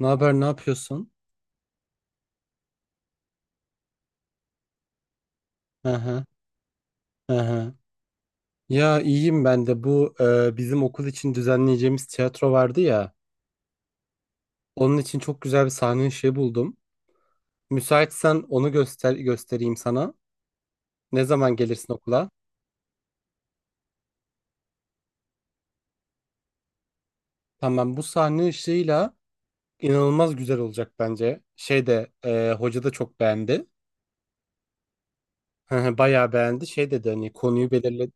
Ne haber, ne yapıyorsun? Hı hı, hı hı. Ya iyiyim ben de. Bu bizim okul için düzenleyeceğimiz tiyatro vardı ya. Onun için çok güzel bir sahne işi buldum. Müsaitsen onu göstereyim sana. Ne zaman gelirsin okula? Tamam, bu sahne ışığıyla inanılmaz güzel olacak bence. Şey de hoca da çok beğendi. Hı hı, bayağı beğendi. Şey dedi, hani konuyu belirle.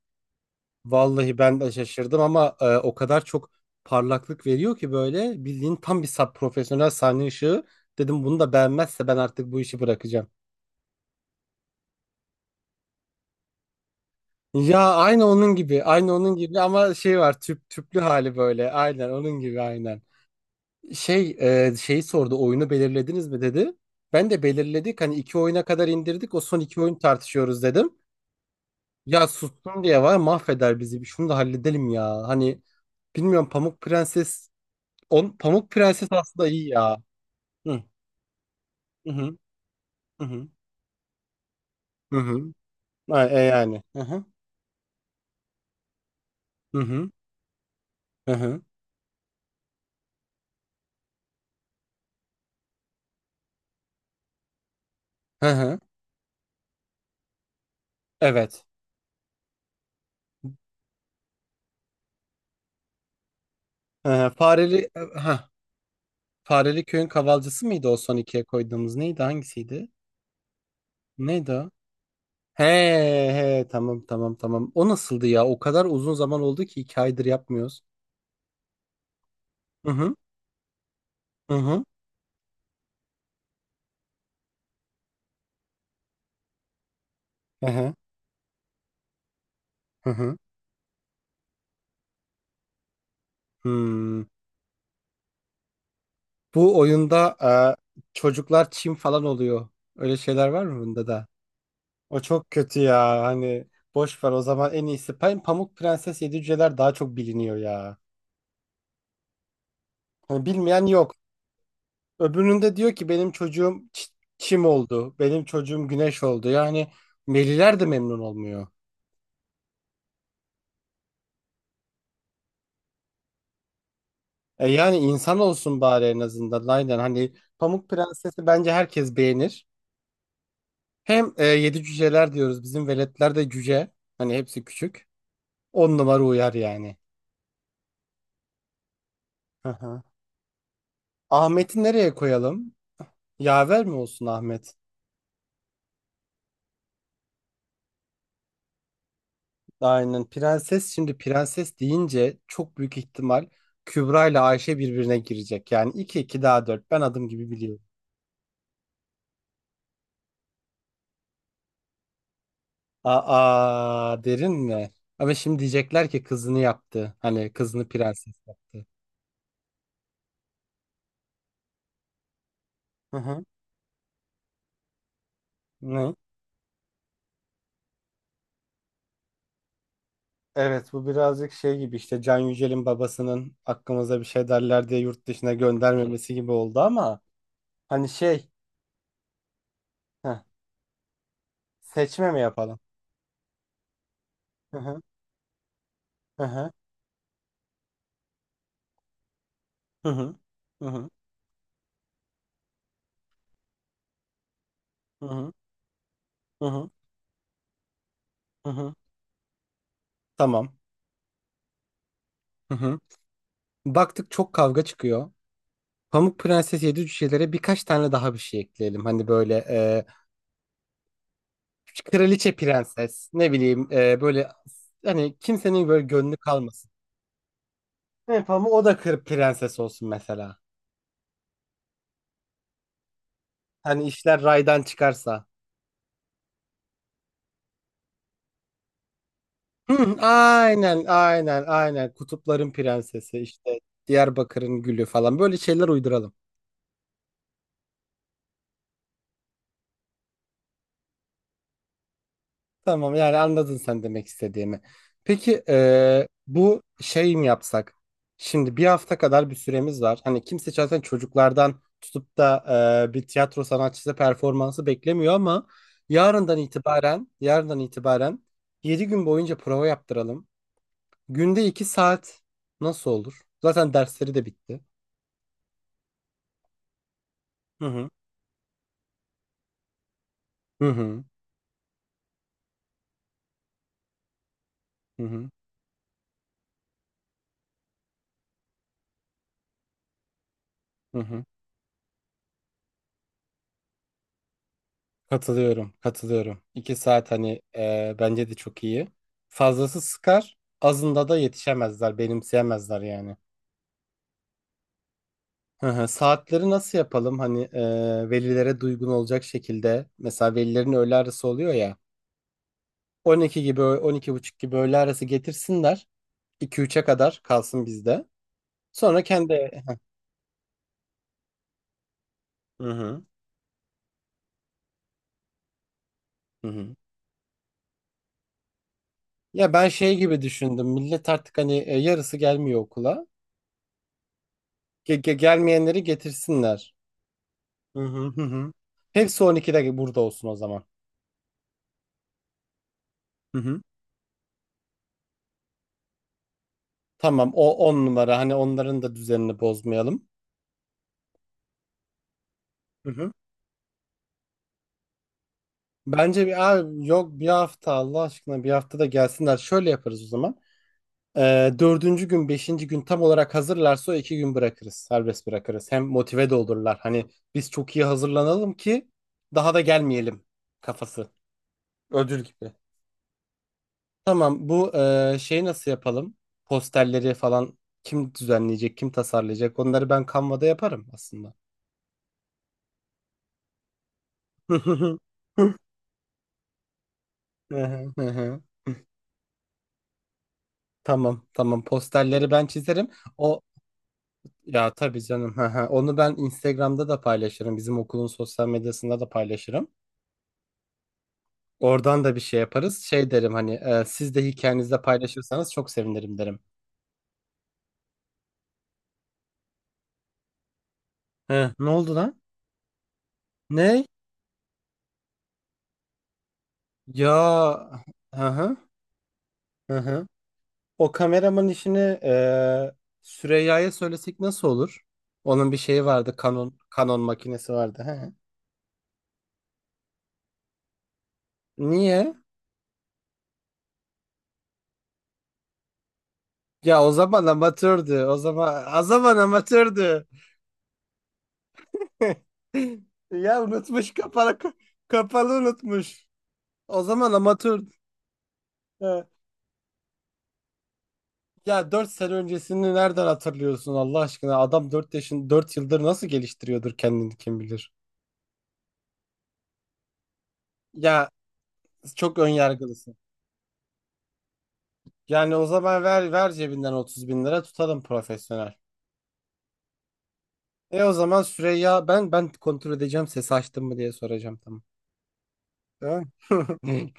Vallahi ben de şaşırdım ama o kadar çok parlaklık veriyor ki böyle bildiğin tam bir sap profesyonel sahne ışığı. Dedim bunu da beğenmezse ben artık bu işi bırakacağım. Ya aynı onun gibi, aynı onun gibi, ama şey var, tüplü hali böyle. Aynen onun gibi, aynen. Şey şeyi sordu, oyunu belirlediniz mi dedi. Ben de belirledik hani, iki oyuna kadar indirdik, o son iki oyun tartışıyoruz dedim. Ya sustum diye var, mahveder bizi, şunu da halledelim ya. Hani bilmiyorum, Pamuk Prenses on, Pamuk Prenses aslında iyi ya. Hı hı hı hı. Hı hı. Ha, yani. Hı hı. Hı hı. Hı hı. Hı hı. Evet. Hı hı. Fareli ha. Fareli Köy'ün kavalcısı mıydı, o son ikiye koyduğumuz neydi, hangisiydi? Neydi o? He, he, tamam, tamam, tamam. O nasıldı ya? O kadar uzun zaman oldu ki 2 aydır yapmıyoruz. Hı hı. Hı hı. Hı hı. Hı hı. Hmm. Bu oyunda çocuklar çim falan oluyor. Öyle şeyler var mı bunda da? O çok kötü ya. Hani boş ver o zaman, en iyisi. Ben Pamuk Prenses Yedi Cüceler daha çok biliniyor ya. Hani bilmeyen yok. Öbüründe diyor ki benim çocuğum çim oldu. Benim çocuğum güneş oldu. Yani Meliler de memnun olmuyor. E yani insan olsun bari, en azından. Aynen hani, Pamuk Prenses'i bence herkes beğenir. Hem Yedi Cüceler diyoruz. Bizim veletler de cüce. Hani hepsi küçük. On numara uyar yani. Hı hı. Ahmet'i nereye koyalım? Yaver mi olsun Ahmet? Aynen, prenses, şimdi prenses deyince çok büyük ihtimal Kübra ile Ayşe birbirine girecek. Yani 2 2 daha dört, ben adım gibi biliyorum. Aa, derin mi? Ama şimdi diyecekler ki kızını yaptı. Hani kızını prenses yaptı. Hı hı. Ne? Evet, bu birazcık şey gibi işte, Can Yücel'in babasının "hakkımıza bir şey derler" diye yurt dışına göndermemesi gibi oldu, ama hani şey, heh, seçme mi yapalım? Hı hı. Hı hı. Hı hı. Hı hı. Hı hı. Hı hı. Hı hı. Tamam. Hı hı. Baktık çok kavga çıkıyor. Pamuk Prenses Yedi Cücelere birkaç tane daha bir şey ekleyelim. Hani böyle kraliçe, prenses, ne bileyim böyle, hani kimsenin böyle gönlü kalmasın. Ne Pamuk, o da kır prenses olsun mesela. Hani işler raydan çıkarsa. Hı, aynen, aynen, aynen, kutupların prensesi işte, Diyarbakır'ın gülü falan, böyle şeyler uyduralım. Tamam, yani anladın sen demek istediğimi. Peki bu şey mi yapsak? Şimdi bir hafta kadar bir süremiz var. Hani kimse zaten çocuklardan tutup da bir tiyatro sanatçısı performansı beklemiyor, ama yarından itibaren 7 gün boyunca prova yaptıralım. Günde 2 saat nasıl olur? Zaten dersleri de bitti. Hı hı. Hı hı. Hı hı. Hı hı. Katılıyorum, katılıyorum. İki saat, hani bence de çok iyi. Fazlası sıkar, azında da yetişemezler, benimseyemezler yani. Hı hı. Saatleri nasıl yapalım, hani velilere duygun olacak şekilde. Mesela velilerin öğle arası oluyor ya. 12 gibi, 12:30 gibi öğle arası getirsinler. İki üçe kadar kalsın bizde. Sonra kendi... Hı hı, hı hı. Ya, ben şey gibi düşündüm. Millet artık, hani yarısı gelmiyor okula. Gelmeyenleri getirsinler. Hı hı hı. Hı. Hepsi 12'de burada olsun o zaman. Hı hı. Tamam, o 10 numara. Hani onların da düzenini bozmayalım. Hı hı. Bence bir abi yok, bir hafta Allah aşkına, bir hafta da gelsinler. Şöyle yaparız o zaman. Dördüncü gün, beşinci gün tam olarak hazırlarsa o 2 gün bırakırız. Serbest bırakırız. Hem motive de olurlar. Hani "biz çok iyi hazırlanalım ki daha da gelmeyelim" kafası. Ödül gibi. Tamam, bu şey nasıl yapalım? Posterleri falan kim düzenleyecek, kim tasarlayacak? Onları ben Canva'da yaparım aslında. Hı hı, hı hı. Tamam, tamam, posterleri ben çizerim. O, ya tabii canım. Hı hı. Onu ben Instagram'da da paylaşırım. Bizim okulun sosyal medyasında da paylaşırım. Oradan da bir şey yaparız. Şey derim hani, "siz de hikayenizde paylaşırsanız çok sevinirim" derim. He, ne oldu lan? Ne? Ya. Hı hı. Hı hı. O kameraman işini eee Süreyya'ya söylesek nasıl olur? Onun bir şeyi vardı. Canon makinesi vardı. He. Niye? Ya, o zaman amatördü. O zaman amatördü. Ya unutmuş, kapalı kapalı unutmuş. O zaman amatör. He. Ya, 4 sene öncesini nereden hatırlıyorsun Allah aşkına? Adam 4 yaşın, 4 yıldır nasıl geliştiriyordur kendini, kim bilir? Ya, çok ön yargılısın. Yani o zaman ver ver cebinden 30 bin lira tutalım, profesyonel. E o zaman Süreyya, ben kontrol edeceğim ses açtım mı diye soracağım, tamam. Tamam.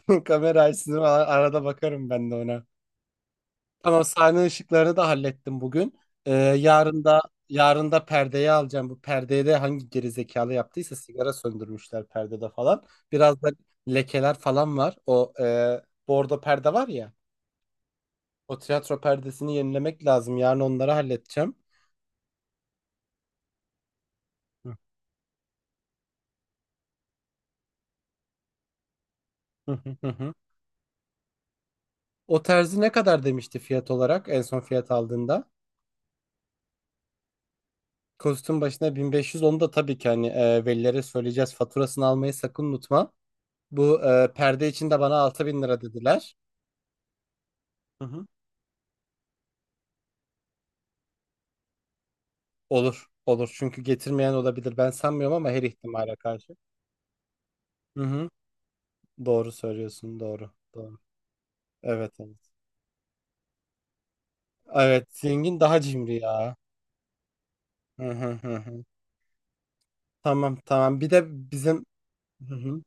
Kamera açsın, arada bakarım ben de ona. Tamam, sahne ışıklarını da hallettim bugün. Ee, yarın da yarın da perdeyi alacağım. Bu perdeye de hangi geri zekalı yaptıysa sigara söndürmüşler perdede falan. Biraz da lekeler falan var. O bordo perde var ya. O tiyatro perdesini yenilemek lazım. Yarın onları halledeceğim. Hı hı hı. Hı. O terzi ne kadar demişti fiyat olarak, en son fiyat aldığında? Kostüm başına 1.500, onu da tabii ki hani velilere söyleyeceğiz. Faturasını almayı sakın unutma. Bu perde için de bana 6.000 lira dediler. Hı hı. Olur. Olur. Çünkü getirmeyen olabilir. Ben sanmıyorum ama her ihtimale karşı. Hı hı. Doğru söylüyorsun. Doğru. Doğru. Evet. Evet. Evet. Zengin daha cimri ya. Hı hı hı. Hı. Tamam. Tamam. Bir de bizim... Hı hı.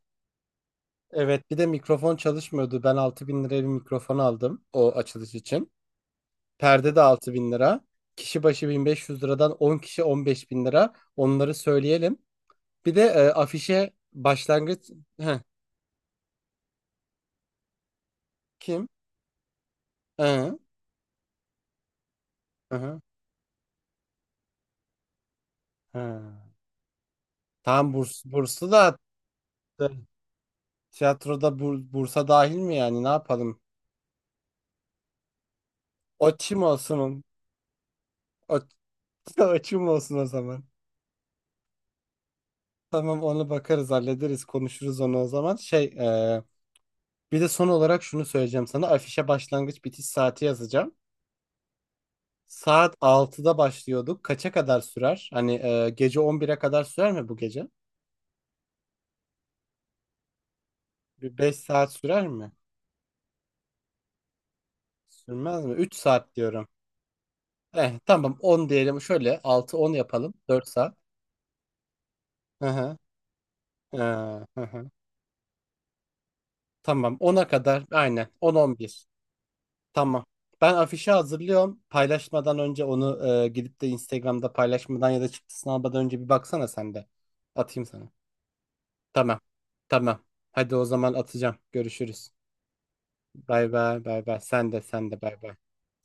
Evet, bir de mikrofon çalışmıyordu. Ben 6.000 liraya bir mikrofon aldım o açılış için. Perde de 6.000 lira. Kişi başı 1.500 liradan 10 kişi, 15.000 lira. Onları söyleyelim. Bir de afişe başlangıç. Heh, kim? Hı, hı, hı. Hı. Tamam, bursu da attı. Tiyatroda bursa dahil mi yani, ne yapalım? O çim olsun. O, o çim olsun o zaman. Tamam, onu bakarız, hallederiz, konuşuruz onu o zaman. Şey bir de son olarak şunu söyleyeceğim sana. Afişe başlangıç bitiş saati yazacağım. Saat 6'da başlıyorduk. Kaça kadar sürer? Hani gece 11'e kadar sürer mi bu gece? Bir 5 saat sürer mi? Sürmez mi? 3 saat diyorum. Tamam, 10 diyelim. Şöyle 6-10 yapalım. 4 saat. Hı hı. Hı hı. Tamam, ona kadar, aynen, 10-11. Tamam. Ben afişi hazırlıyorum. Paylaşmadan önce onu, gidip de Instagram'da paylaşmadan ya da çıktısını almadan önce bir baksana sen de. Atayım sana. Tamam. Tamam. Hadi o zaman, atacağım. Görüşürüz. Bay bay bay bay. Sen de, sen de, bay bay.